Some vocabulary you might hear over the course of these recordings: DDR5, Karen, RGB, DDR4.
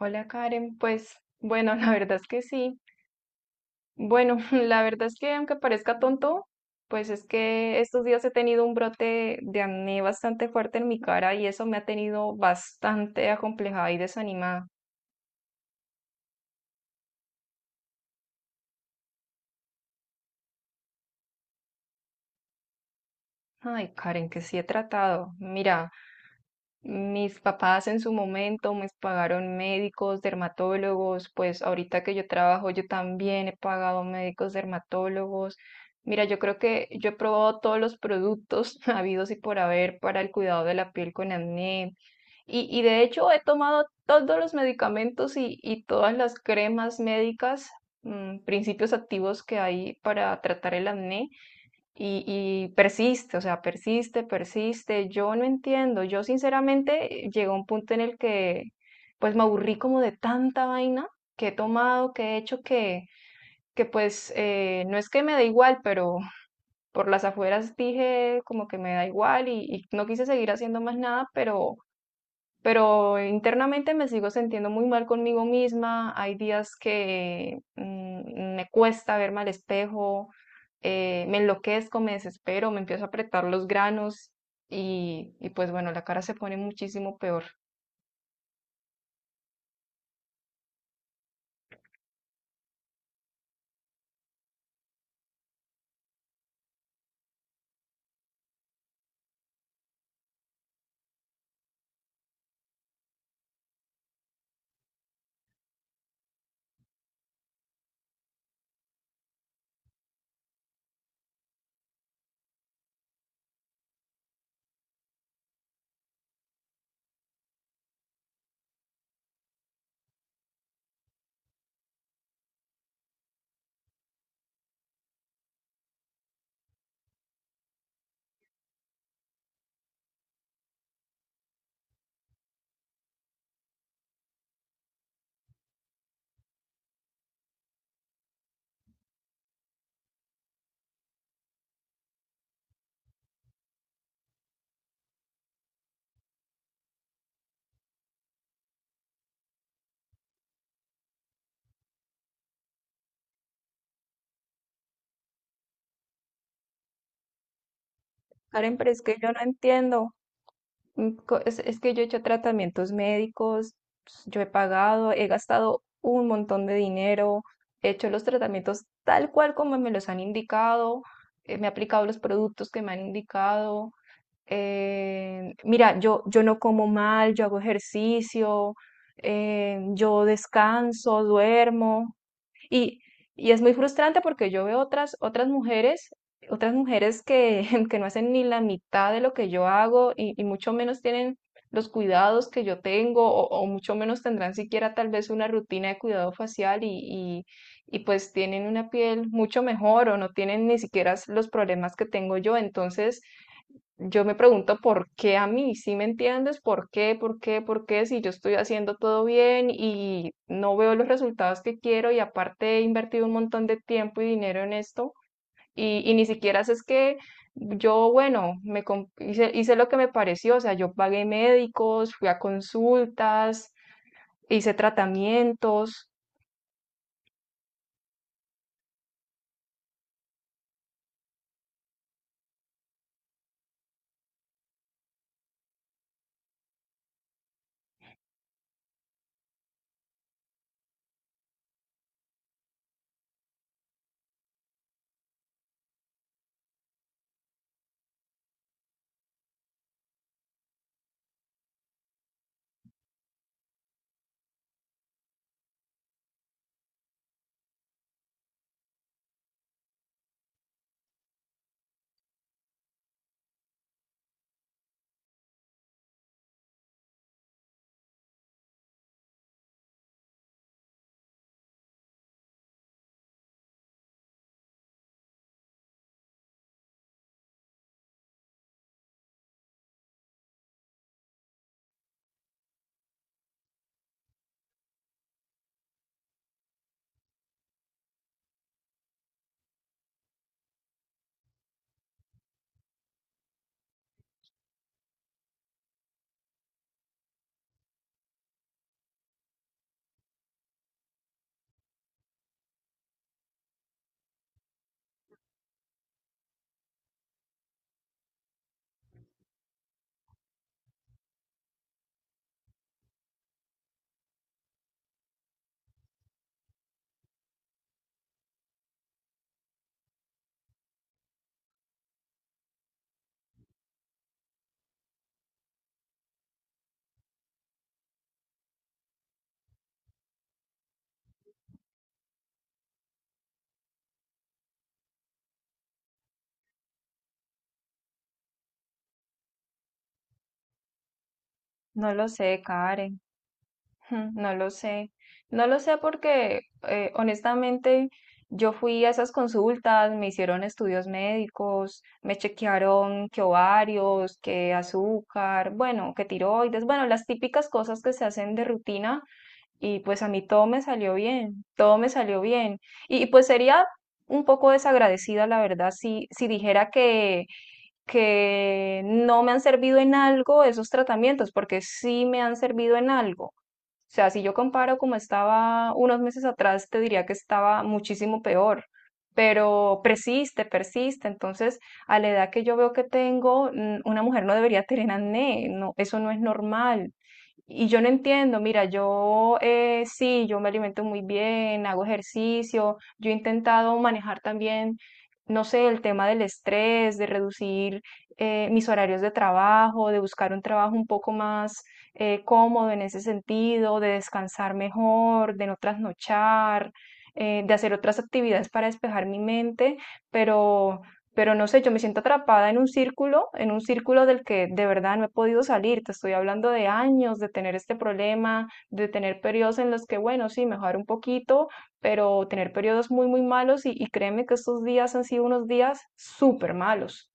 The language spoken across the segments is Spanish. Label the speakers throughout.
Speaker 1: Hola Karen, pues bueno, la verdad es que sí. Bueno, la verdad es que aunque parezca tonto, pues es que estos días he tenido un brote de acné bastante fuerte en mi cara y eso me ha tenido bastante acomplejada y desanimada. Ay, Karen, que sí he tratado. Mira. Mis papás en su momento me pagaron médicos, dermatólogos; pues ahorita que yo trabajo yo también he pagado médicos, dermatólogos. Mira, yo creo que yo he probado todos los productos habidos y por haber para el cuidado de la piel con acné. Y de hecho he tomado todos los medicamentos y todas las cremas médicas, principios activos que hay para tratar el acné. Y persiste, o sea, persiste, persiste. Yo no entiendo. Yo sinceramente llegué a un punto en el que pues me aburrí como de tanta vaina que he tomado, que he hecho, que pues no es que me da igual, pero por las afueras dije como que me da igual y no quise seguir haciendo más nada, pero internamente me sigo sintiendo muy mal conmigo misma. Hay días que me cuesta verme al espejo, me enloquezco, me desespero, me empiezo a apretar los granos y pues bueno, la cara se pone muchísimo peor. Karen, pero es que yo no entiendo. Es que yo he hecho tratamientos médicos, yo he pagado, he gastado un montón de dinero, he hecho los tratamientos tal cual como me los han indicado, me he aplicado los productos que me han indicado. Mira, yo no como mal, yo hago ejercicio, yo descanso, duermo. Y, y es muy frustrante porque yo veo otras, otras mujeres que, que no hacen ni la mitad de lo que yo hago y mucho menos tienen los cuidados que yo tengo o mucho menos tendrán siquiera tal vez una rutina de cuidado facial y, y pues tienen una piel mucho mejor o no tienen ni siquiera los problemas que tengo yo. Entonces, yo me pregunto por qué a mí, ¿sí me entiendes? ¿Por qué? ¿Por qué? ¿Por qué? Si yo estoy haciendo todo bien y no veo los resultados que quiero y aparte he invertido un montón de tiempo y dinero en esto y ni siquiera sé, es que yo, bueno, hice, hice lo que me pareció, o sea, yo pagué médicos, fui a consultas, hice tratamientos, no lo sé, Karen. Hmm. No lo sé, no lo sé porque honestamente yo fui a esas consultas, me hicieron estudios médicos, me chequearon que ovarios, que azúcar, bueno, que tiroides, bueno, las típicas cosas que se hacen de rutina y pues a mí todo me salió bien, todo me salió bien. Y, pues sería un poco desagradecida, la verdad, si, si dijera que no me han servido en algo esos tratamientos, porque sí me han servido en algo. O sea, si yo comparo como estaba unos meses atrás, te diría que estaba muchísimo peor, pero persiste, persiste. Entonces, a la edad que yo veo que tengo, una mujer no debería tener acné, no, eso no es normal. Y yo no entiendo, mira, yo sí, yo me alimento muy bien, hago ejercicio, yo he intentado manejar también, no sé, el tema del estrés, de reducir mis horarios de trabajo, de buscar un trabajo un poco más cómodo en ese sentido, de descansar mejor, de no trasnochar, de hacer otras actividades para despejar mi mente, pero pero no sé, yo me siento atrapada en un círculo del que de verdad no he podido salir. Te estoy hablando de años, de tener este problema, de tener periodos en los que, bueno, sí, mejorar un poquito, pero tener periodos muy, muy malos y créeme que estos días han sido unos días súper malos.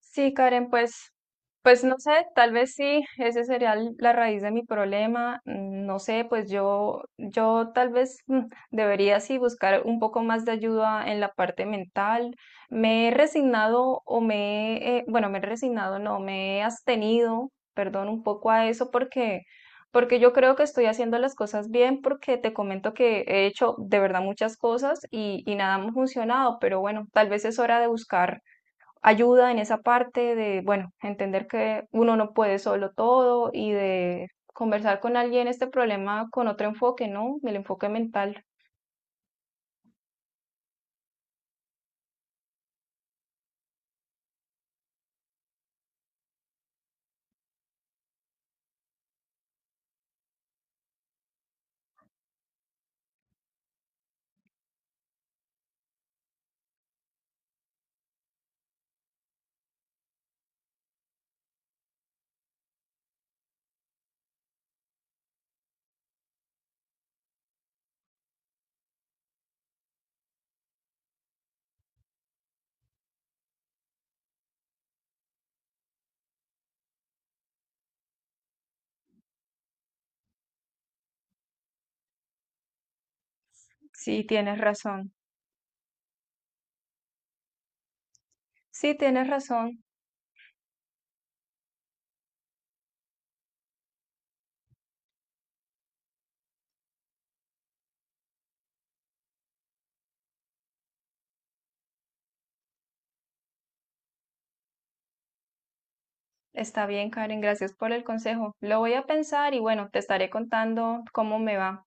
Speaker 1: Sí, Karen, pues, pues no sé, tal vez sí, ese sería la raíz de mi problema. No sé, pues yo tal vez debería sí buscar un poco más de ayuda en la parte mental. Me he resignado o me, he, bueno, me he resignado, no, me he abstenido, perdón, un poco a eso porque, porque yo creo que estoy haciendo las cosas bien, porque te comento que he hecho de verdad muchas cosas y nada me ha funcionado, pero bueno, tal vez es hora de buscar ayuda en esa parte de, bueno, entender que uno no puede solo todo y de conversar con alguien este problema con otro enfoque, ¿no? El enfoque mental. Sí, tienes razón. Sí, tienes razón. Está bien, Karen, gracias por el consejo. Lo voy a pensar y bueno, te estaré contando cómo me va.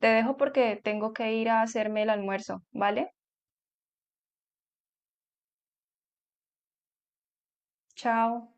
Speaker 1: Te dejo porque tengo que ir a hacerme el almuerzo, ¿vale? Chao.